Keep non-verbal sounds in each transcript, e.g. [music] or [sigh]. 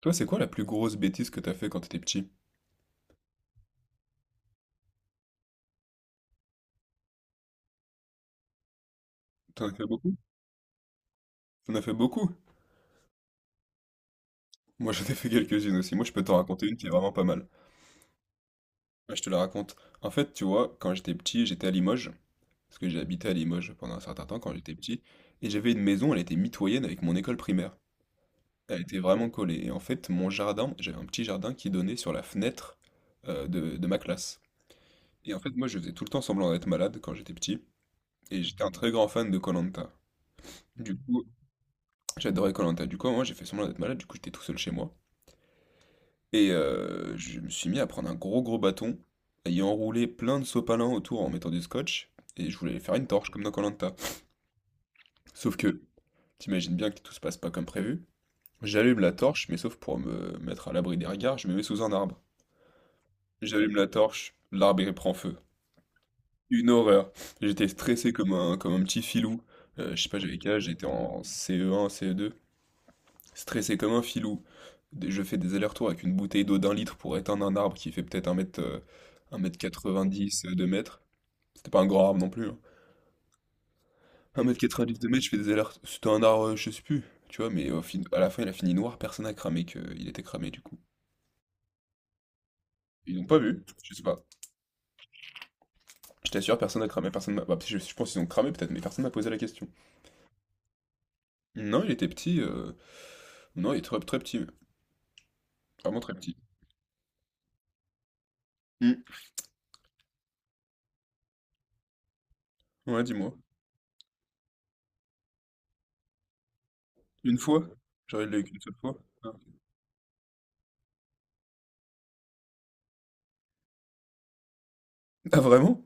Toi, c'est quoi la plus grosse bêtise que t'as fait quand t'étais petit? T'en as fait beaucoup? T'en as fait beaucoup? Moi, j'en ai fait quelques-unes aussi. Moi, je peux t'en raconter une qui est vraiment pas mal. Bah, je te la raconte. En fait, tu vois, quand j'étais petit, j'étais à Limoges, parce que j'ai habité à Limoges pendant un certain temps quand j'étais petit, et j'avais une maison, elle était mitoyenne avec mon école primaire. Elle était vraiment collée. Et en fait, mon jardin, j'avais un petit jardin qui donnait sur la fenêtre de ma classe. Et en fait, moi, je faisais tout le temps semblant d'être malade quand j'étais petit, et j'étais un très grand fan de koh. Du coup, j'adorais koh Lanta. Du coup, moi, j'ai fait semblant d'être malade. Du coup, j'étais tout seul chez moi. Et je me suis mis à prendre un gros gros bâton, à y enrouler plein de sopalins autour en mettant du scotch. Et je voulais faire une torche comme dans koh Lanta. Sauf que, t'imagines bien que tout se passe pas comme prévu. J'allume la torche, mais sauf pour me mettre à l'abri des regards, je me mets sous un arbre. J'allume la torche, l'arbre il prend feu. Une horreur. J'étais stressé comme un petit filou. Je sais pas, j'avais quel âge, j'étais en CE1, CE2. Stressé comme un filou, je fais des allers-retours avec une bouteille d'eau d'un litre pour éteindre un arbre qui fait peut-être un mètre, 1m90, 2 mètres. C'était pas un grand arbre non plus, hein. 1m90, 2 mètres, je fais des allers-retours. C'était un arbre, je sais plus, tu vois, mais à la fin, il a fini noir, personne n'a cramé qu'il était cramé du coup. Ils n'ont pas vu, je sais pas. Je t'assure, personne n'a cramé, personne m'a... bah, je pense qu'ils ont cramé peut-être, mais personne m'a posé la question. Non, il était petit, non, il est très, très petit, vraiment très petit. Hmm. Ouais, dis-moi. Une fois? J'aurais eu une seule fois. Ah. Ah, vraiment?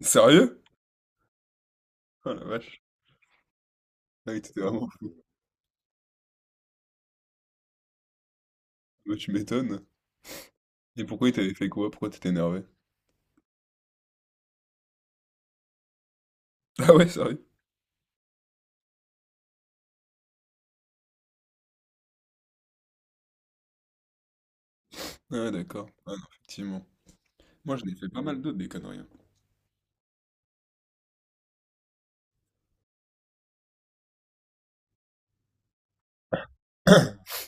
Sérieux? Ah la vache. Ah oui, t'étais vraiment. Bah, tu m'étonnes. Et pourquoi il t'avait fait quoi? Pourquoi t'étais énervé? [laughs] Ah ouais, sérieux? Ah ouais, d'accord. Ah non, effectivement. Moi, j'en ai fait pas mal d'autres, des conneries, hein. [coughs]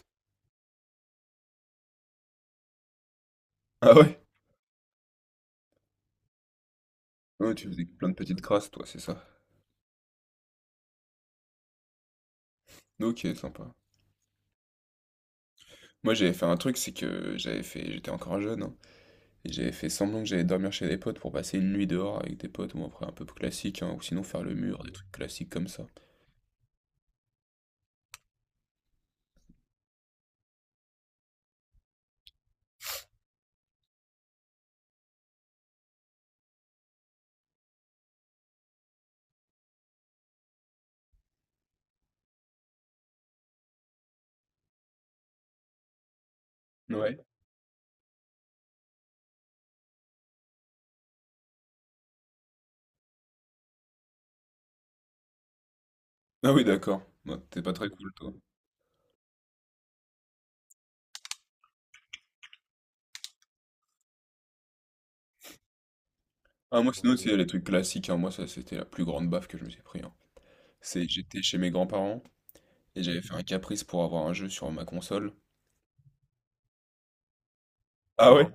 Ah ouais? Ah ouais, tu faisais plein de petites crasses, toi, c'est ça. Ok, sympa. Moi, j'avais fait un truc, c'est que j'avais fait. J'étais encore jeune, hein, et j'avais fait semblant que j'allais dormir chez des potes pour passer une nuit dehors avec des potes, ou après un peu classique, hein, ou sinon faire le mur, des trucs classiques comme ça. Ouais. Ah oui, d'accord. Non, t'es pas très cool, toi. Ah, moi, sinon, tu les trucs classiques, hein, moi, ça, c'était la plus grande baffe que je me suis pris, hein. C'est, j'étais chez mes grands-parents et j'avais fait un caprice pour avoir un jeu sur ma console. Ah ouais?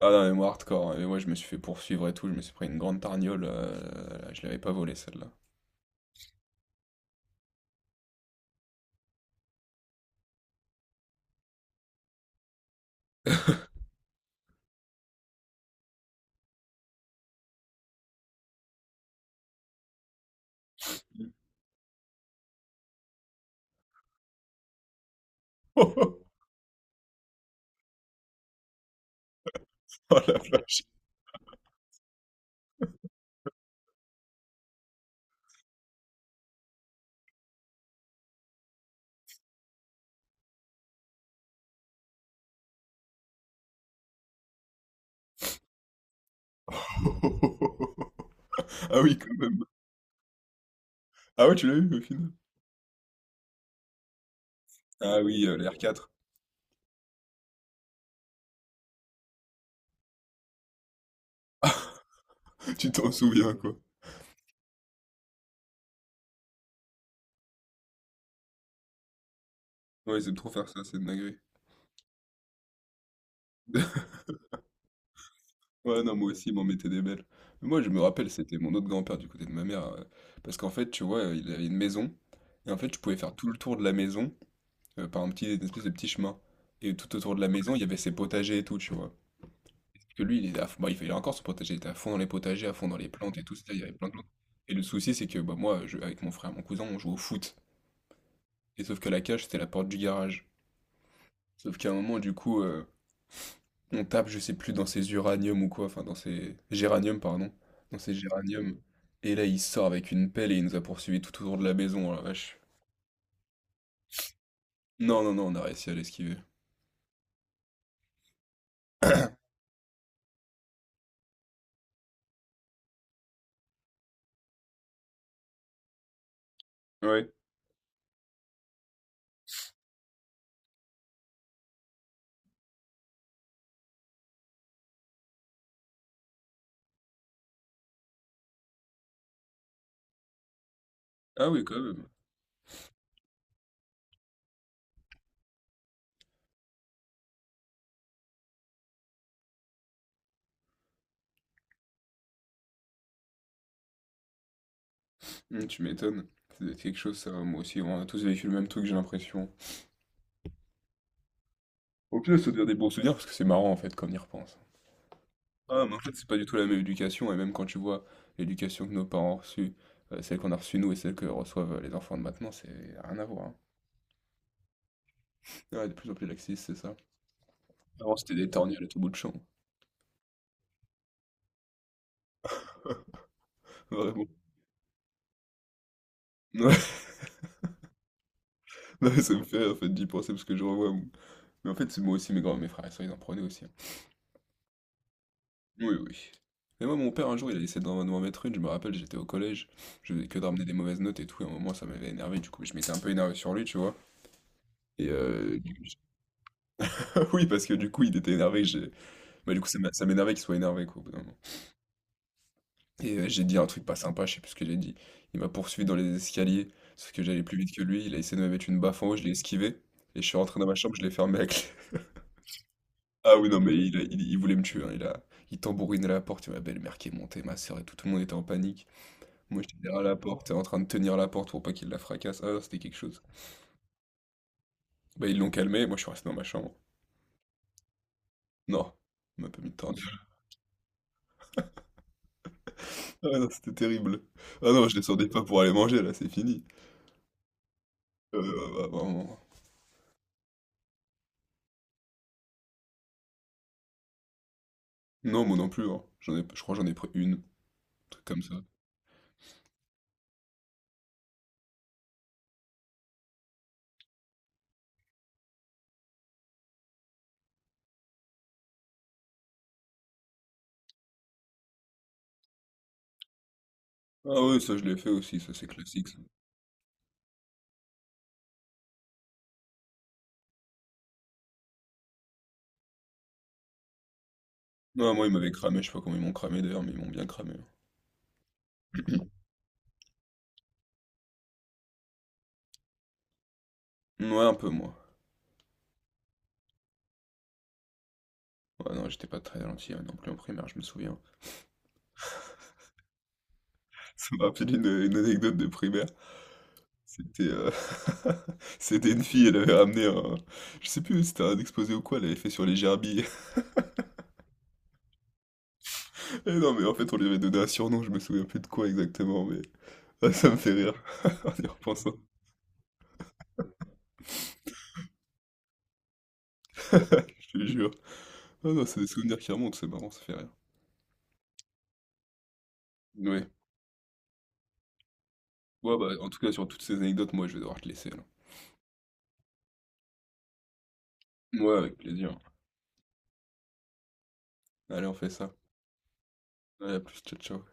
Ah non, mais moi hardcore, hein. Et moi, je me suis fait poursuivre et tout. Je me suis pris une grande tarniole, là, je l'avais pas volée celle-là. [laughs] Oh. Oh la vache. [laughs] Ah oui, quand même. Ah ouais, tu l'as eu au final? Ah oui, la r 4. [laughs] Tu t'en souviens, quoi. Ouais, ils aiment trop faire ça, c'est une dinguerie. [laughs] Ouais, non, moi aussi, ils m'en mettaient des belles. Mais moi, je me rappelle, c'était mon autre grand-père du côté de ma mère, parce qu'en fait, tu vois, il avait une maison. Et en fait, tu pouvais faire tout le tour de la maison, par un petit, une espèce de petit chemin. Et tout autour de la maison, il y avait ses potagers et tout, tu vois. Parce que lui, il est à fond- bah, il a encore son potager, il était à fond dans les potagers, à fond dans les plantes et tout, c'est-à-dire, il y avait plein de plantes. Et le souci, c'est que bah, avec mon frère et mon cousin, on joue au foot. Et sauf que la cage, c'était la porte du garage. Sauf qu'à un moment, du coup, on tape, je sais plus, dans ses uraniums ou quoi, enfin, dans ses géraniums, pardon. Dans ses géraniums. Et là, il sort avec une pelle et il nous a poursuivis tout autour de la maison, oh la vache. Non, non, non, on a réussi à l'esquiver. Ouais. Ah oui, quand même. Mmh, tu m'étonnes. Ça doit être quelque chose, ça. Moi aussi, on a tous vécu le même truc, j'ai l'impression. Au pire, ça devient des bons souvenirs parce que c'est marrant en fait quand on y repense. Ah, mais en fait, c'est pas du tout la même éducation, et même quand tu vois l'éducation que nos parents ont reçue, celle qu'on a reçue nous et celle que reçoivent les enfants de maintenant, c'est rien à voir, hein. Ouais, de plus en plus laxiste, c'est ça. Avant, c'était des torgnoles à tout bout de champ. Vraiment. Ouais, [laughs] non, ça me fait rire en fait d'y penser parce que je revois mon... Mais en fait, c'est moi aussi, mes grands, mes frères et sœurs, ils en prenaient aussi, hein. Oui, oui. Mais moi, mon père, un jour, il a essayé de m'en mettre une. Je me rappelle, j'étais au collège. Je faisais que de ramener des mauvaises notes et tout. Et à un moment, ça m'avait énervé. Du coup, je m'étais un peu énervé sur lui, tu vois. Et [laughs] ah oui, parce que du coup, il était énervé. Bah, du coup, ça m'énervait qu'il soit énervé, quoi, au bout d'un moment. Et j'ai dit un truc pas sympa, je sais plus ce que j'ai dit. Il m'a poursuivi dans les escaliers. Sauf que j'allais plus vite que lui. Il a essayé de me mettre une baffe en haut. Je l'ai esquivé. Et je suis rentré dans ma chambre, je l'ai fermé à clé. [laughs] Ah oui, non, mais il voulait me tuer, hein. Il tambourinait la porte. Il m'a belle-mère qui est montée, ma soeur et tout. Tout le monde était en panique. Moi, j'étais derrière la porte, en train de tenir la porte pour pas qu'il la fracasse. Ah, c'était quelque chose. Bah, ils l'ont calmé, moi, je suis resté dans ma chambre. Non, on m'a pas mis de temps. [laughs] Ah non, c'était terrible. Ah non, je descendais pas pour aller manger, là, c'est fini. Bah, vraiment. Non, moi non plus, hein. J'en ai, je crois que j'en ai pris une, un truc comme ça. Ah oui, ça, je l'ai fait aussi, ça, c'est classique, ça. Non, moi, ils m'avaient cramé, je sais pas comment ils m'ont cramé, d'ailleurs, mais ils m'ont bien cramé, hein. [clears throat] Ouais, un peu, moi. Ouais, non, j'étais pas très gentil hein, non plus en primaire, je me souviens. [laughs] Ça me rappelle une anecdote de primaire. C'était [laughs] c'était une fille, elle avait ramené un... Je sais plus, c'était un exposé ou quoi, elle avait fait sur les gerbilles. [laughs] Et non, mais en fait, on lui avait donné un surnom, je me souviens plus de quoi exactement, mais... [laughs] Ah, ça me fait rire, [laughs] en y repensant. [laughs] Je te jure. Ah non, c'est des souvenirs qui remontent, c'est marrant, ça fait rire. Ouais. Ouais, bah, en tout cas, sur toutes ces anecdotes, moi, je vais devoir te laisser, là. Ouais, avec plaisir. Allez, on fait ça. Allez, à plus, ciao, ciao.